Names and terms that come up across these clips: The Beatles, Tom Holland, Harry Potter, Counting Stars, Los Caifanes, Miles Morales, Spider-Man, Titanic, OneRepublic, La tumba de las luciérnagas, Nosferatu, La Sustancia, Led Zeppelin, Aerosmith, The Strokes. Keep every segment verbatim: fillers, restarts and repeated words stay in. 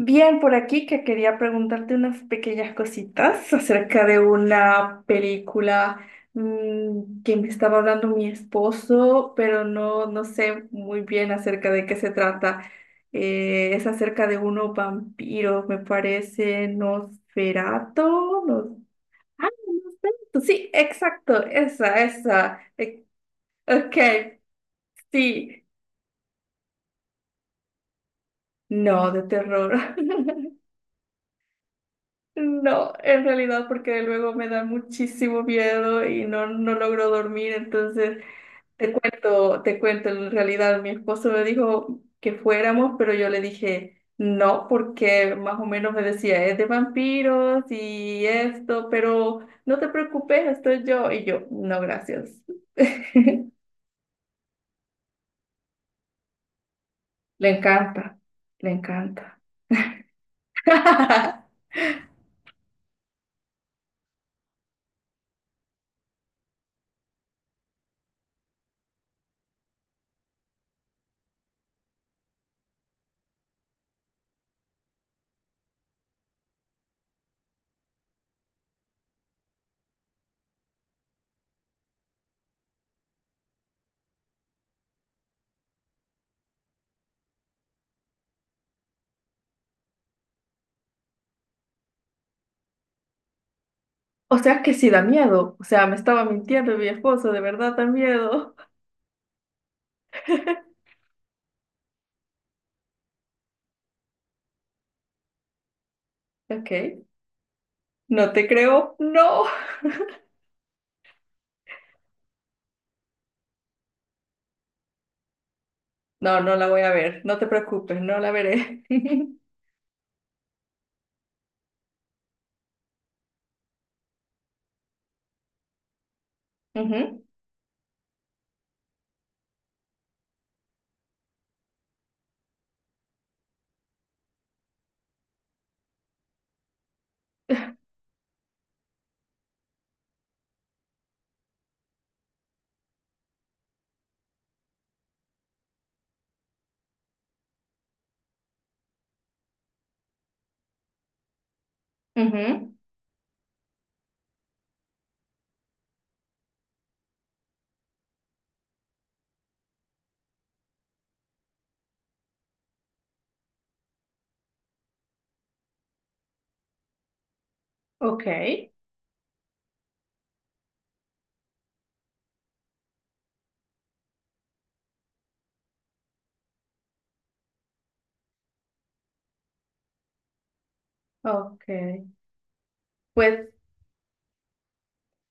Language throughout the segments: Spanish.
Bien, por aquí que quería preguntarte unas pequeñas cositas acerca de una película mm, que me estaba hablando mi esposo, pero no, no sé muy bien acerca de qué se trata. Eh, es acerca de unos vampiros, me parece, Nosferatu. No, sí, exacto, esa, esa. Eh, Ok, sí. No, de terror. No, en realidad porque luego me da muchísimo miedo y no, no logro dormir, entonces te cuento, te cuento, en realidad mi esposo me dijo que fuéramos, pero yo le dije no, porque más o menos me decía, es de vampiros y esto, pero no te preocupes, estoy yo, y yo, no, gracias. Le encanta, le encanta. O sea que sí da miedo, o sea, me estaba mintiendo mi esposo, de verdad da miedo. Ok, no te creo, no, no, no la voy a ver, no te preocupes, no la veré. Ujú, ujú, ok, ok. Pues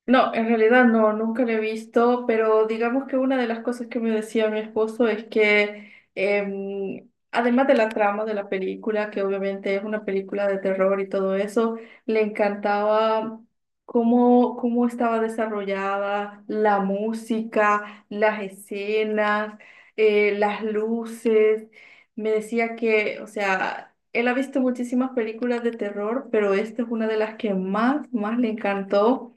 no, en realidad no, nunca lo he visto, pero digamos que una de las cosas que me decía mi esposo es que em, además de la trama de la película, que obviamente es una película de terror y todo eso, le encantaba cómo, cómo estaba desarrollada la música, las escenas, eh, las luces. Me decía que, o sea, él ha visto muchísimas películas de terror, pero esta es una de las que más, más le encantó.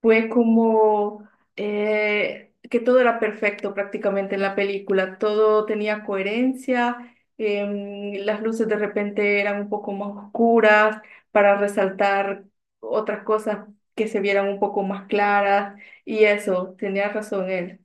Fue como eh, que todo era perfecto prácticamente en la película, todo tenía coherencia, em, las luces de repente eran un poco más oscuras para resaltar otras cosas que se vieran un poco más claras y eso, tenía razón él.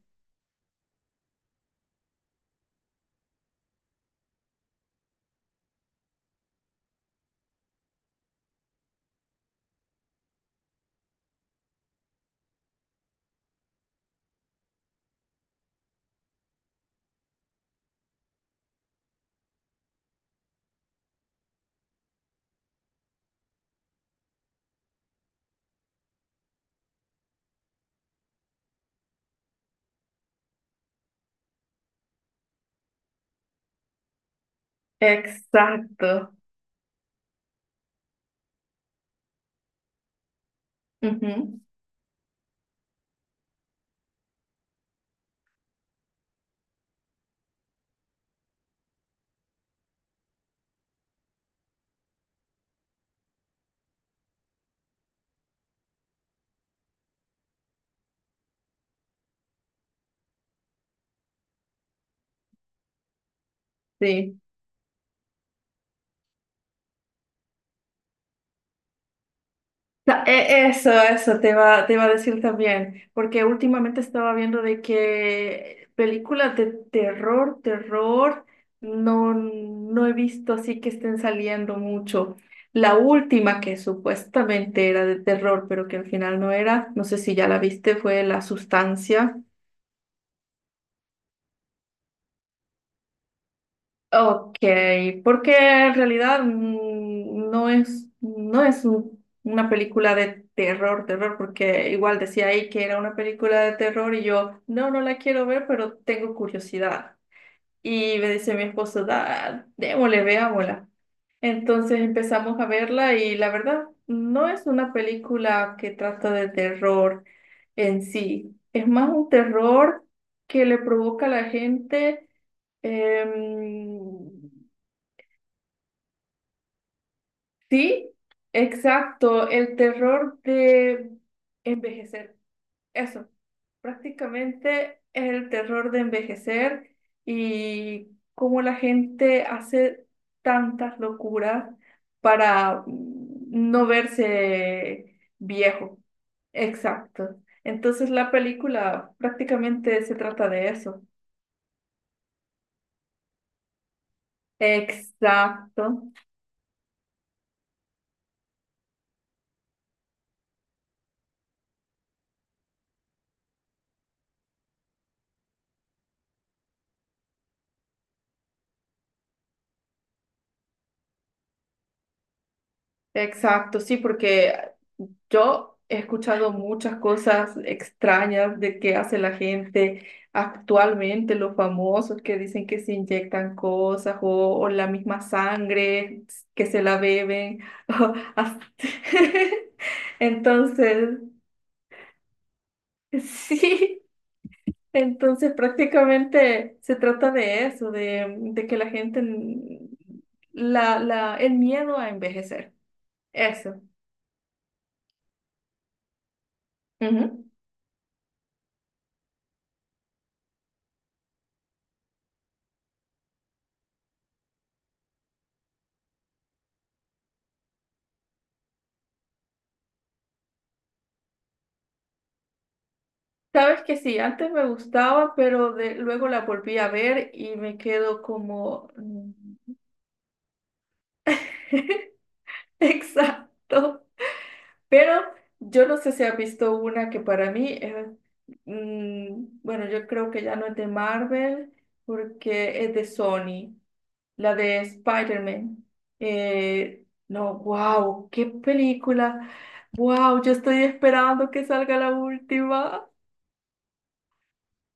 Exacto. Ujú, sí. Ta- e- Eso, eso te iba, te iba a decir también, porque últimamente estaba viendo de que películas de terror, terror, no, no he visto así que estén saliendo mucho. La última que supuestamente era de terror, pero que al final no era, no sé si ya la viste, fue La Sustancia. Ok, porque en realidad mm, no es, no es un- una película de terror, terror, porque igual decía ahí que era una película de terror y yo, no, no la quiero ver, pero tengo curiosidad. Y me dice mi esposo, da, démosle, veámosla. Entonces empezamos a verla y la verdad no es una película que trata de terror en sí, es más un terror que le provoca a la gente. Em, Sí, exacto, el terror de envejecer. Eso, prácticamente es el terror de envejecer y cómo la gente hace tantas locuras para mm, no verse viejo. Exacto. Entonces la película prácticamente se trata de eso. Exacto. Exacto, sí, porque yo he escuchado muchas cosas extrañas de qué hace la gente actualmente, los famosos que dicen que se inyectan cosas o, o la misma sangre que se la beben. o as- Entonces, sí, entonces prácticamente se trata de eso, de, de que la gente, mm, la, la, el miedo a envejecer. Eso. Sabes que sí, antes me gustaba, pero de, luego la volví a ver y me quedo como... mm. Exacto. Pero yo no sé si has visto una que para mí, eh, mm, bueno, yo creo que ya no es de Marvel porque es de Sony, la de Spider-Man. Eh, no, wow, qué película. Wow, yo estoy esperando que salga la última.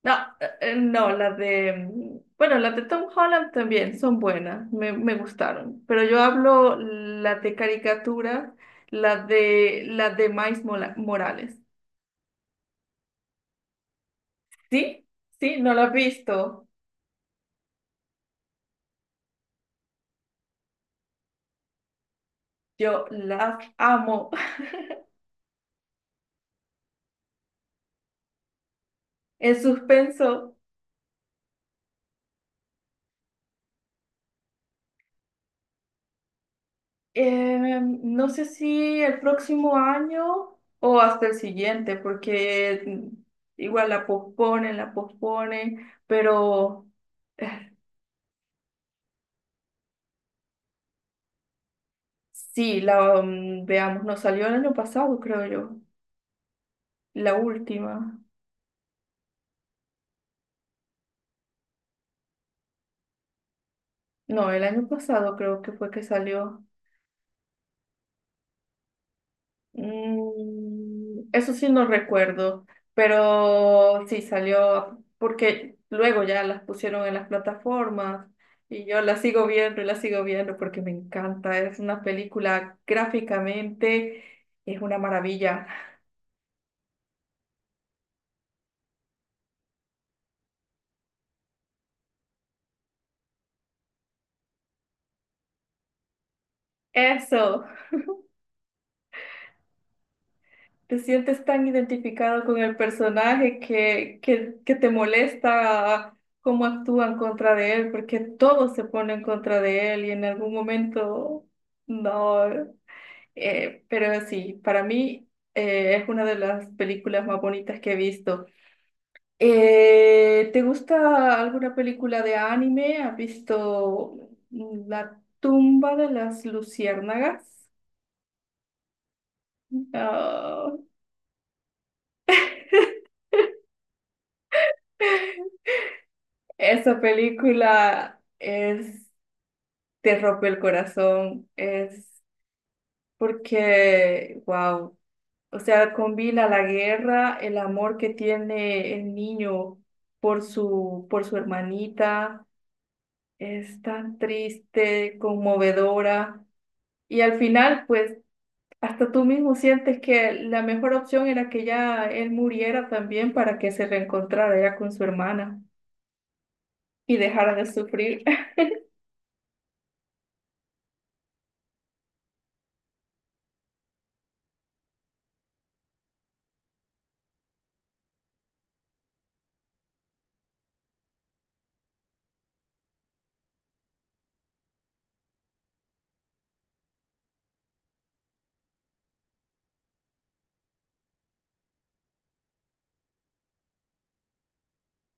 No, eh, eh, no, las de, bueno, las de Tom Holland también son buenas, me, me gustaron, pero yo hablo las de caricatura, las de, las de Miles Mola- Morales. ¿Sí? ¿Sí? ¿No las has visto? Yo las amo. En suspenso, eh, no sé si el próximo año o hasta el siguiente, porque igual la posponen, la posponen, pero... Sí, la, mm, veamos, nos salió el año pasado, creo yo. La última. No, el año pasado creo que fue que salió. Mm, eso sí no recuerdo, pero sí salió porque luego ya las pusieron en las plataformas y yo las sigo viendo y las sigo viendo porque me encanta. Es una película gráficamente, es una maravilla. Eso. Te sientes tan identificado con el personaje que, que, que te molesta cómo actúan contra de él, porque todos se ponen contra de él y en algún momento no. Eh, pero sí, para mí eh, es una de las películas más bonitas que he visto. Eh, ¿te gusta alguna película de anime? ¿Has visto La tumba de las luciérnagas? Ah, esa película es te rompe el corazón, es porque, wow, o sea, combina la guerra, el amor que tiene el niño por su, por su hermanita, es tan triste, conmovedora, y al final, pues, hasta tú mismo sientes que la mejor opción era que ya él muriera también para que se reencontrara ya con su hermana y dejara de sufrir.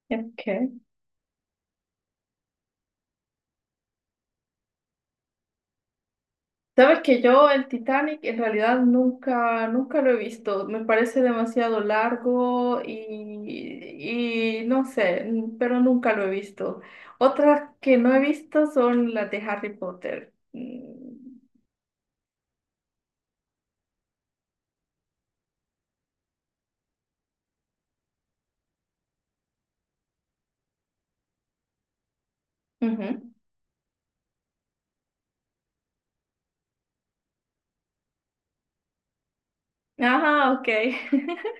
Ok. Sabes que yo el Titanic en realidad nunca, nunca lo he visto. Me parece demasiado largo y, y no sé, n- pero nunca lo he visto. Otras que no he visto son las de Harry Potter. Mm, ujú. Ajá, ok.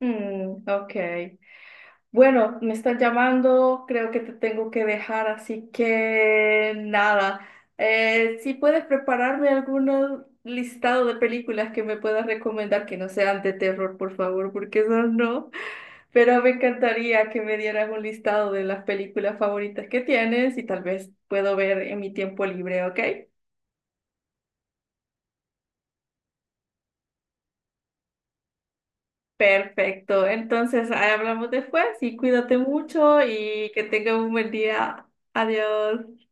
Mm, ok. Bueno, me están llamando, creo que te tengo que dejar, así que nada. Eh, si puedes prepararme algún listado de películas que me puedas recomendar que no sean de terror, por favor, porque esas no. Pero me encantaría que me dieras un listado de las películas favoritas que tienes y tal vez puedo ver en mi tiempo libre, ¿ok? Perfecto. Entonces, ahí hablamos después y cuídate mucho y que tengas un buen día. Adiós.